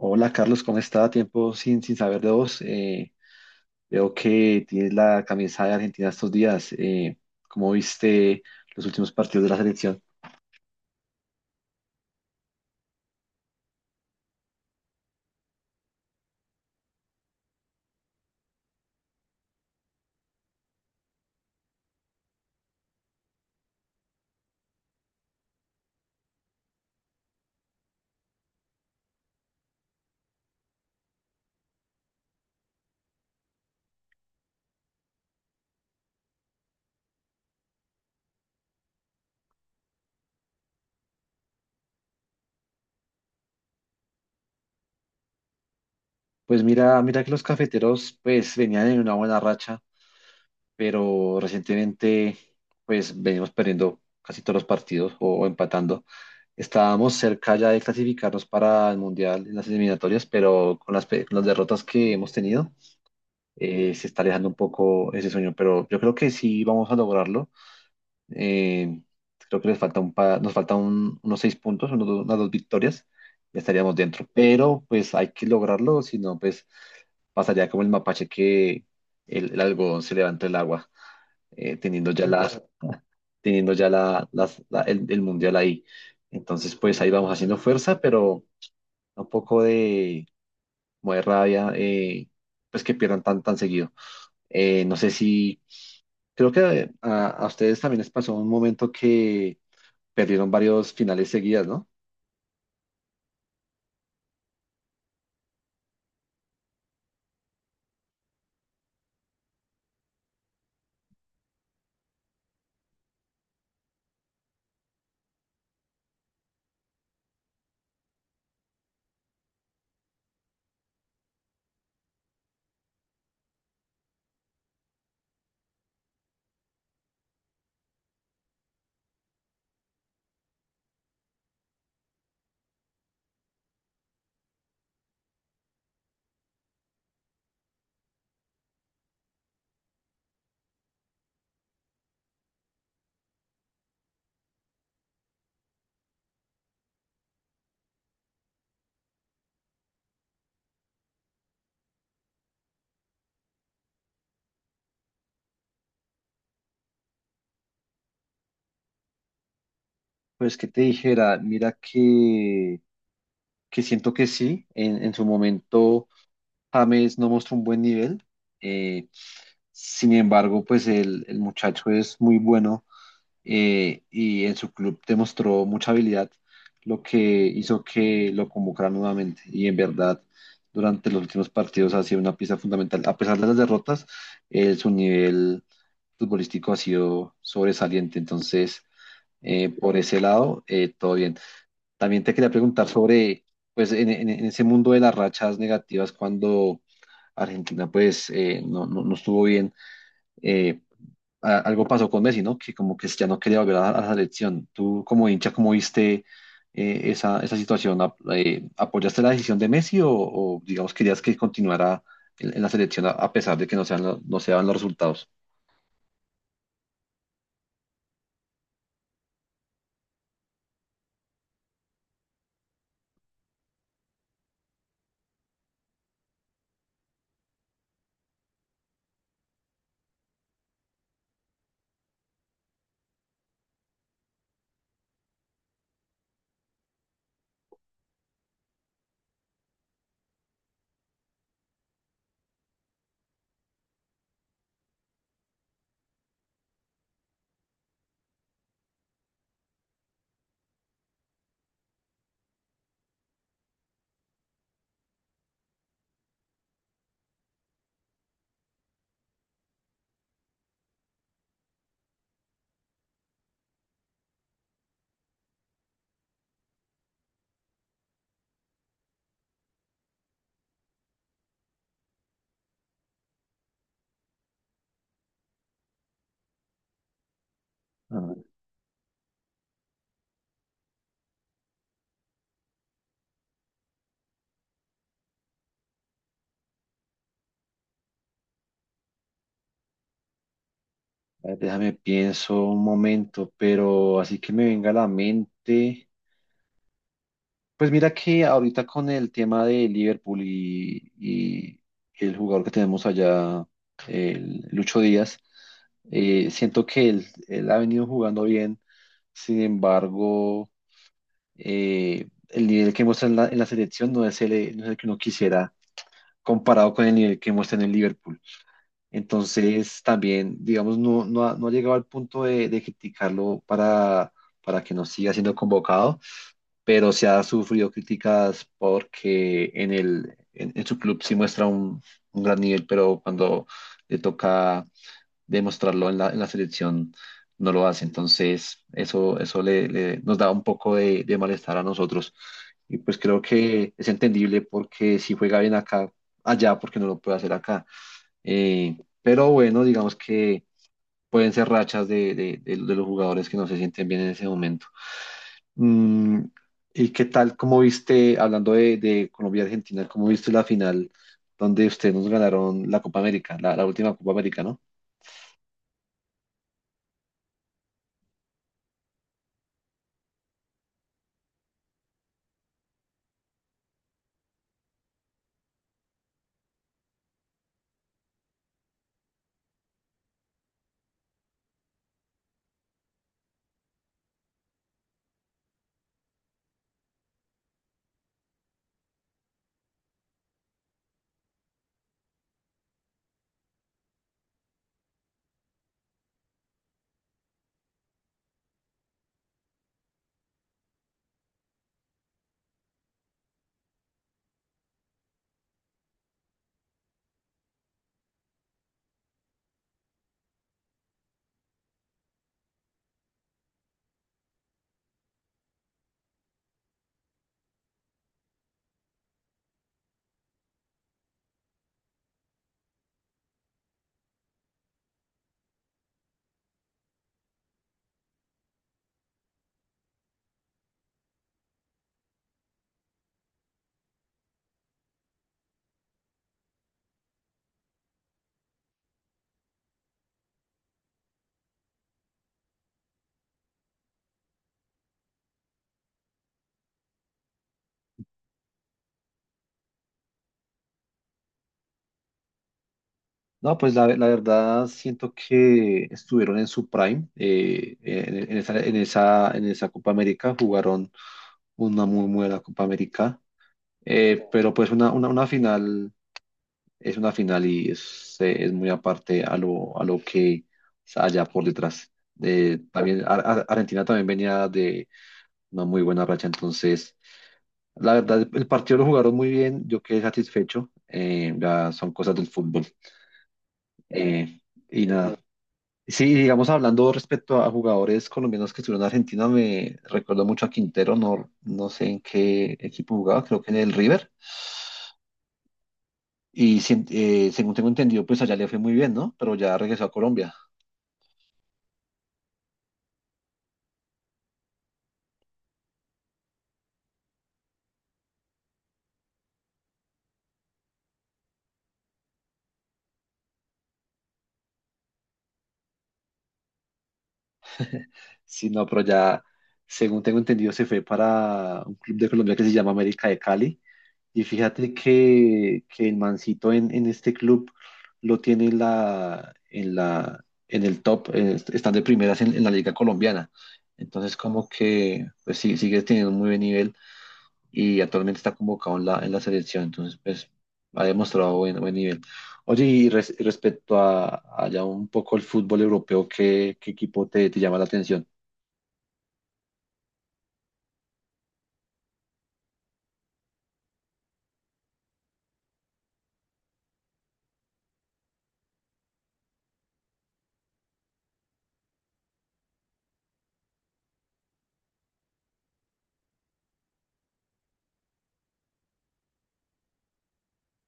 Hola Carlos, ¿cómo está? Tiempo sin saber de vos. Veo que tienes la camisa de Argentina estos días. ¿Cómo viste los últimos partidos de la selección? Pues mira que los cafeteros pues venían en una buena racha, pero recientemente pues venimos perdiendo casi todos los partidos o empatando. Estábamos cerca ya de clasificarnos para el Mundial en las eliminatorias, pero con con las derrotas que hemos tenido se está alejando un poco ese sueño, pero yo creo que sí vamos a lograrlo. Eh, Creo que les falta un pa- nos falta unos 6 puntos, unas 2 victorias, ya estaríamos dentro. Pero pues hay que lograrlo, si no, pues pasaría como el mapache que el algodón se levanta el agua, eh, teniendo ya las, teniendo ya la, las- la- el mundial ahí. Entonces, pues ahí vamos haciendo fuerza, pero un poco de, como de rabia, pues que pierdan tan seguido. No sé si, creo que a ustedes también les pasó un momento que perdieron varios finales seguidas, ¿no? Pues que te dijera, que siento que sí, en su momento James no mostró un buen nivel, eh, sin embargo, pues el muchacho es muy bueno, y en su club demostró mucha habilidad, lo que hizo que lo convocaran nuevamente y en verdad durante los últimos partidos ha sido una pieza fundamental, a pesar de las derrotas. Su nivel futbolístico ha sido sobresaliente. Entonces, por ese lado, todo bien. También te quería preguntar sobre, pues, en ese mundo de las rachas negativas, cuando Argentina, pues, no estuvo bien, eh, algo pasó con Messi, ¿no? Que como que ya no quería volver a la selección. Tú, como hincha, ¿cómo viste esa situación? ¿Apoyaste la decisión de Messi o, digamos, querías que continuara en la selección a pesar de que no sean, no se daban los resultados? Déjame pienso un momento, pero así que me venga a la mente. Pues mira que ahorita con el tema de Liverpool y el jugador que tenemos allá, el Lucho Díaz, siento que él ha venido jugando bien. Sin embargo, el nivel que muestra en la selección no es no es el que uno quisiera comparado con el nivel que muestra en el Liverpool. Entonces, también, digamos, no ha llegado al punto de criticarlo para que no siga siendo convocado, pero se ha sufrido críticas porque en su club sí muestra un gran nivel, pero cuando le toca demostrarlo en la selección no lo hace. Entonces, eso nos da un poco de malestar a nosotros. Y pues creo que es entendible porque si juega bien acá, allá, porque no lo puede hacer acá. Pero bueno, digamos que pueden ser rachas de los jugadores que no se sienten bien en ese momento. Mm, ¿y qué tal? ¿Cómo viste, hablando de Colombia y Argentina, cómo viste la final donde ustedes nos ganaron la Copa América, la última Copa América, ¿no? No, pues la verdad siento que estuvieron en su prime, en esa Copa América, jugaron una muy buena Copa América, pero pues una final es una final y es muy aparte a a lo que haya por detrás. También Argentina también venía de una muy buena racha, entonces la verdad el partido lo jugaron muy bien, yo quedé satisfecho, ya son cosas del fútbol. Eh, y nada, sí, digamos hablando respecto a jugadores colombianos que estuvieron en Argentina, me recuerdo mucho a Quintero, no sé en qué equipo jugaba, creo que en el River. Y según tengo entendido, pues allá le fue muy bien, ¿no? Pero ya regresó a Colombia. Sí, no, pero ya, según tengo entendido, se fue para un club de Colombia que se llama América de Cali. Y fíjate que el mancito en este club lo tiene en el top, están de primeras en la liga colombiana. Entonces, como que, pues sí, sigue teniendo un muy buen nivel. Y actualmente está convocado en la selección, entonces pues ha demostrado buen, buen nivel. Oye, y respecto a ya un poco el fútbol europeo, ¿qué equipo te llama la atención?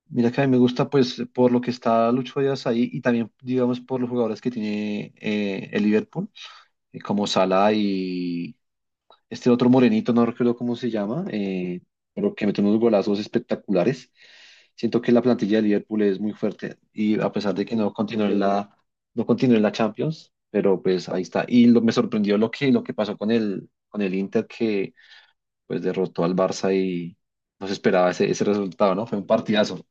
Mira que a mí me gusta pues por lo que está Lucho Díaz ahí y también digamos por los jugadores que tiene el Liverpool, como Salah, este otro morenito, no recuerdo cómo se llama, pero que mete unos golazos espectaculares. Siento que la plantilla de Liverpool es muy fuerte y a pesar de que no continuó en la Champions, pero pues ahí está. Me sorprendió lo que pasó con con el Inter, que pues derrotó al Barça y no se esperaba ese resultado, ¿no? Fue un partidazo.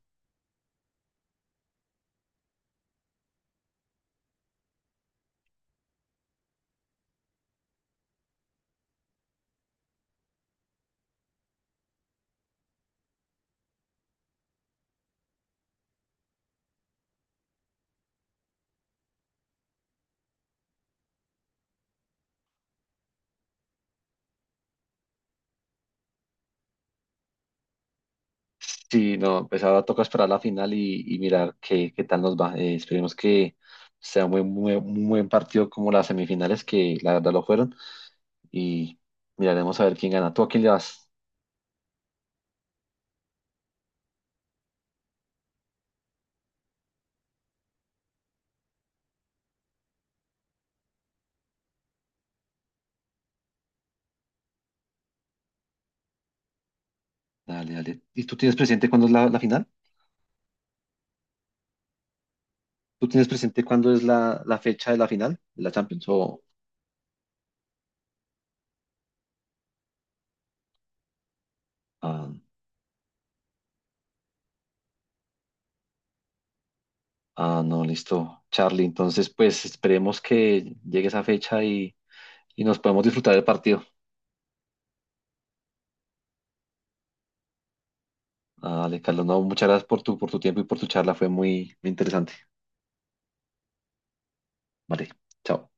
Sí, no, pues ahora toca esperar la final y mirar qué tal nos va. Esperemos que sea un un buen partido como las semifinales, que la verdad lo fueron, y miraremos a ver quién gana. ¿Tú a quién le vas? Dale, dale. ¿Y tú tienes presente cuándo es la final? ¿Tú tienes presente cuándo es la fecha de la final de la Champions? O, ah, ah, no, listo, Charlie. Entonces, pues esperemos que llegue esa fecha y nos podemos disfrutar del partido. Dale, Carlos, no, muchas gracias por por tu tiempo y por tu charla. Fue muy interesante. Vale, chao.